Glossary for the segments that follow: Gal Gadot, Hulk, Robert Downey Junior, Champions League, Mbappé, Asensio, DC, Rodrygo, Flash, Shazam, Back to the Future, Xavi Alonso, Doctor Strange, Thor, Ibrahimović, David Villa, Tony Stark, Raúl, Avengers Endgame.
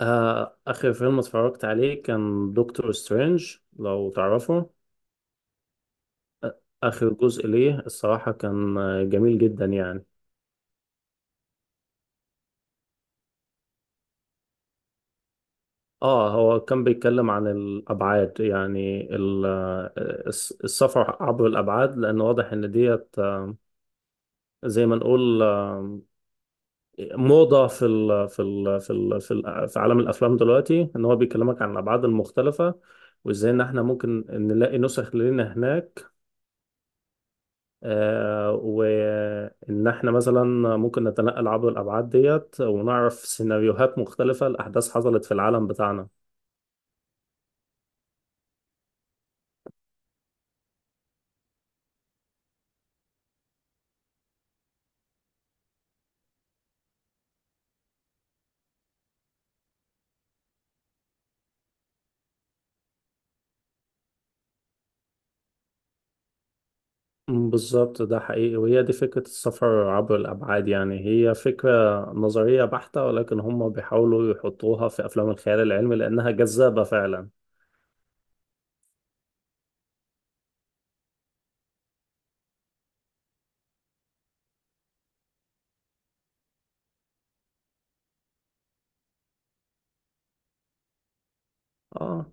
آخر فيلم اتفرجت عليه كان دكتور سترينج لو تعرفه. آخر جزء ليه الصراحة كان جميل جدا يعني. اه هو كان بيتكلم عن الأبعاد، يعني السفر عبر الأبعاد، لأن واضح إن ديت، زي ما نقول، موضة في ال في ال في ال في, ال في عالم الأفلام دلوقتي، إن هو بيكلمك عن الأبعاد المختلفة، وإزاي إن إحنا ممكن نلاقي نسخ لنا هناك، وإن إحنا مثلا ممكن نتنقل عبر الأبعاد ديت، ونعرف سيناريوهات مختلفة لأحداث حصلت في العالم بتاعنا. مم، بالظبط، ده حقيقي، وهي دي فكرة السفر عبر الأبعاد. يعني هي فكرة نظرية بحتة، ولكن هم بيحاولوا يحطوها في أفلام الخيال العلمي لأنها جذابة فعلا. آه،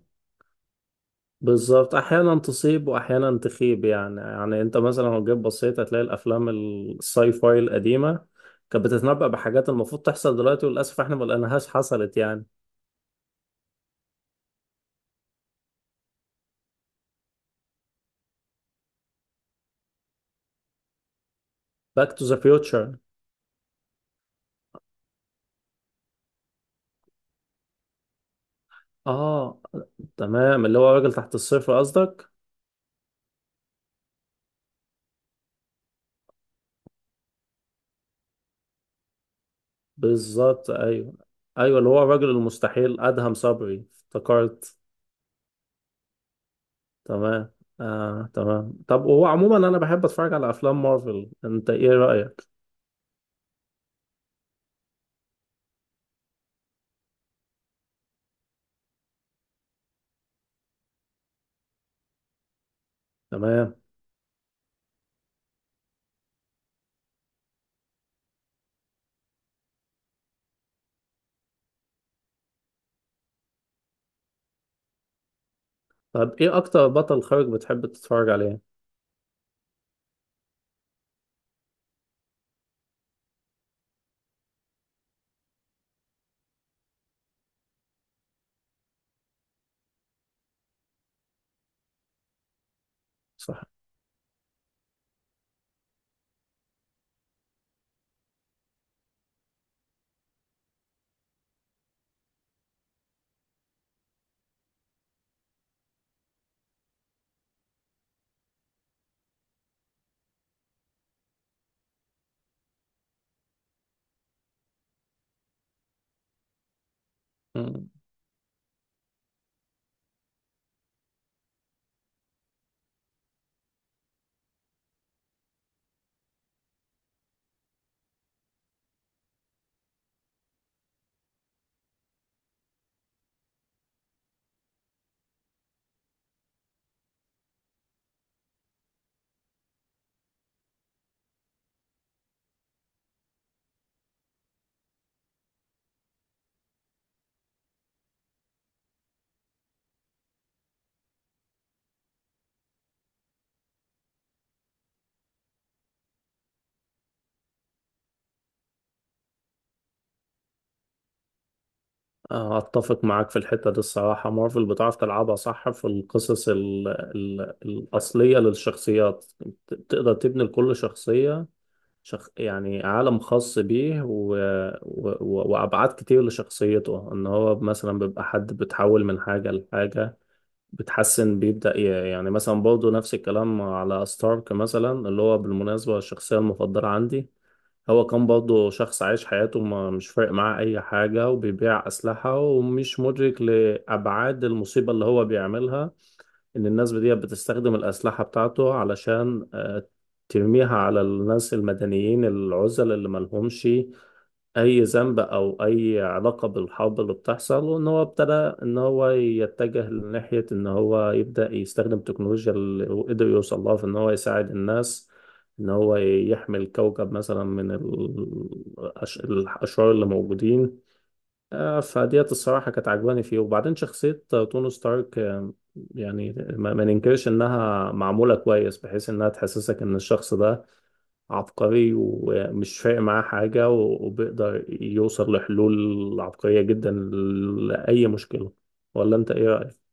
بالظبط، احيانا تصيب واحيانا تخيب. يعني يعني انت مثلا لو جيت بصيت هتلاقي الافلام الساي فاي القديمه كانت بتتنبأ بحاجات المفروض تحصل دلوقتي، وللاسف احنا ما لقيناهاش حصلت يعني. باك تو ذا فيوتشر. اه، تمام، اللي هو راجل تحت الصفر قصدك. بالظبط، ايوه. ايوه، اللي هو الراجل المستحيل، ادهم صبري، افتكرت. تمام. آه تمام، طب وهو عموما انا بحب اتفرج على افلام مارفل، انت ايه رأيك؟ تمام. طب ايه اكتر بطل خارق بتحب تتفرج عليه؟ صح. مم. أتفق معاك في الحتة دي الصراحة، مارفل بتعرف تلعبها صح في القصص ال الأصلية للشخصيات. تقدر تبني لكل شخصية يعني عالم خاص بيه، وأبعاد كتير لشخصيته، إن هو مثلا بيبقى حد بتحول من حاجة لحاجة، بتحسن، بيبدأ يعني، مثلا برضه نفس الكلام على ستارك مثلا، اللي هو بالمناسبة الشخصية المفضلة عندي. هو كان برضه شخص عايش حياته ما مش فارق معاه أي حاجة، وبيبيع أسلحة، ومش مدرك لأبعاد المصيبة اللي هو بيعملها، إن الناس دي بتستخدم الأسلحة بتاعته علشان ترميها على الناس المدنيين العزل، اللي ملهمش اي ذنب او اي علاقه بالحرب اللي بتحصل. وان هو ابتدى ان هو يتجه لناحيه ان هو يبدا يستخدم تكنولوجيا اللي هو قدر يوصل لها في ان هو يساعد الناس، ان هو يحمي الكوكب مثلا من الاشرار اللي موجودين. فديت الصراحه كانت عجباني فيه. وبعدين شخصيه توني ستارك، يعني ما ما ننكرش انها معموله كويس، بحيث انها تحسسك ان الشخص ده عبقري ومش فارق معاه حاجة، وبيقدر يوصل لحلول عبقرية جدا لأي مشكلة. ولا أنت إيه رأيك؟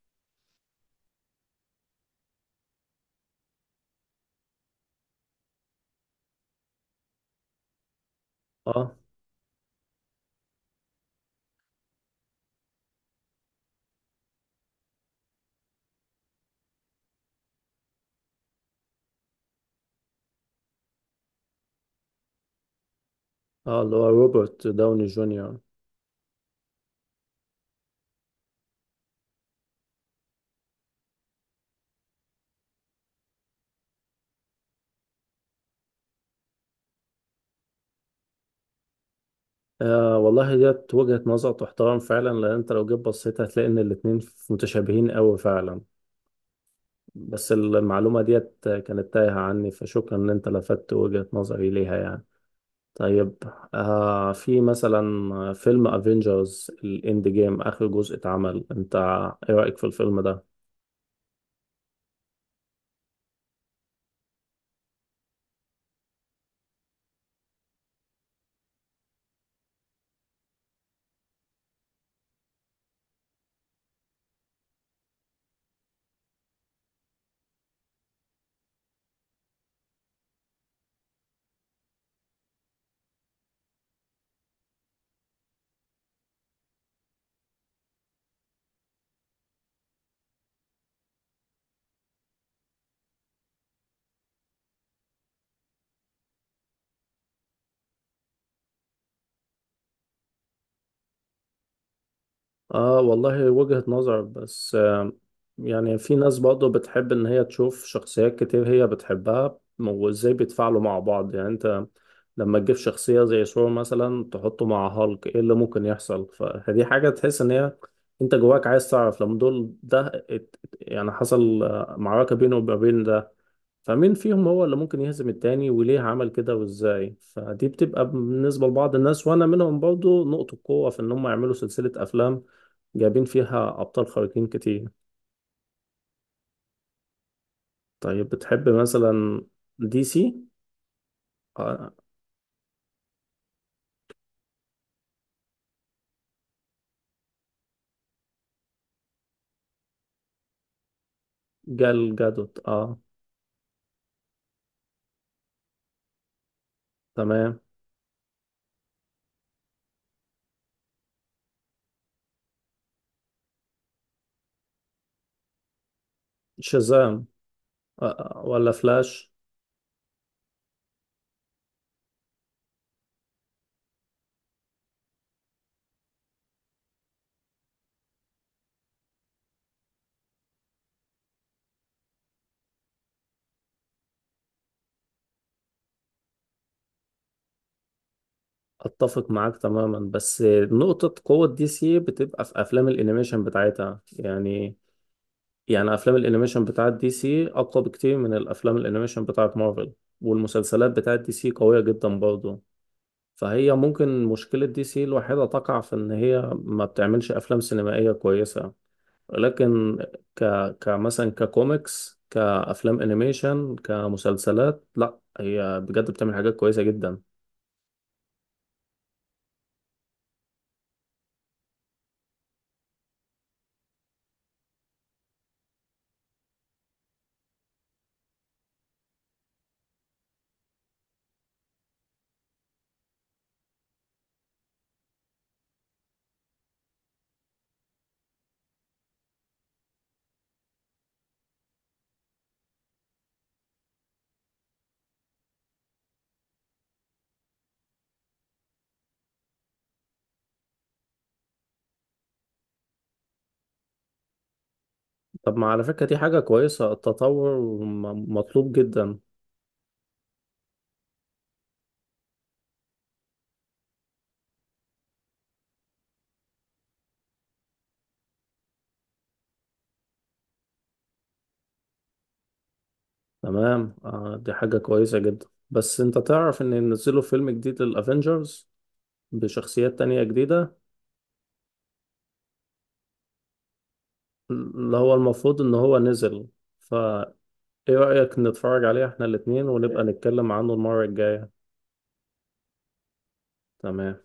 آه. آه، اللي هو روبرت داوني جونيور. آه والله، ديت وجهة نظر تحترم فعلا، لأن أنت لو جيت بصيت هتلاقي إن الاتنين متشابهين أوي فعلا. بس المعلومة ديت كانت تايهة عني، فشكرا إن أنت لفتت وجهة نظري ليها يعني. طيب، في مثلا فيلم افنجرز الاند جيم، اخر جزء اتعمل، انت ايه رأيك في الفيلم ده؟ اه والله، وجهة نظر، بس آه، يعني في ناس برضه بتحب ان هي تشوف شخصيات كتير هي بتحبها، وازاي بيتفاعلوا مع بعض. يعني انت لما تجيب شخصية زي ثور مثلا تحطه مع هالك، ايه اللي ممكن يحصل؟ فدي حاجة تحس ان هي، انت جواك عايز تعرف لما دول ده يعني حصل معركة بينه وما بين ده، فمين فيهم هو اللي ممكن يهزم التاني، وليه عمل كده، وازاي. فدي بتبقى بالنسبة لبعض الناس، وانا منهم برضو، نقطة قوة في ان هم يعملوا سلسلة افلام جايبين فيها ابطال خارقين كتير. طيب، بتحب مثلا دي سي؟ آه. جال جادوت، اه، تمام. شازام. آه. ولا فلاش. اتفق معاك تماما، بس نقطة قوة دي سي بتبقى في افلام الانيميشن بتاعتها يعني. يعني افلام الانيميشن بتاعت دي سي اقوى بكتير من الافلام الانيميشن بتاعت مارفل، والمسلسلات بتاعت دي سي قوية جدا برضه. فهي ممكن مشكلة دي سي الوحيدة تقع في ان هي ما بتعملش افلام سينمائية كويسة، لكن ك كمثلا، ككوميكس، كافلام انيميشن، كمسلسلات، لا، هي بجد بتعمل حاجات كويسة جدا. طب ما على فكرة دي حاجة كويسة، التطور مطلوب جدا. تمام. آه، دي حاجة كويسة جدا، بس انت تعرف ان ينزلوا فيلم جديد للأفينجرز بشخصيات تانية جديدة. اللي هو المفروض ان هو نزل، فايه رأيك نتفرج عليه احنا الاتنين، ونبقى نتكلم عنه المرة الجاية؟ تمام.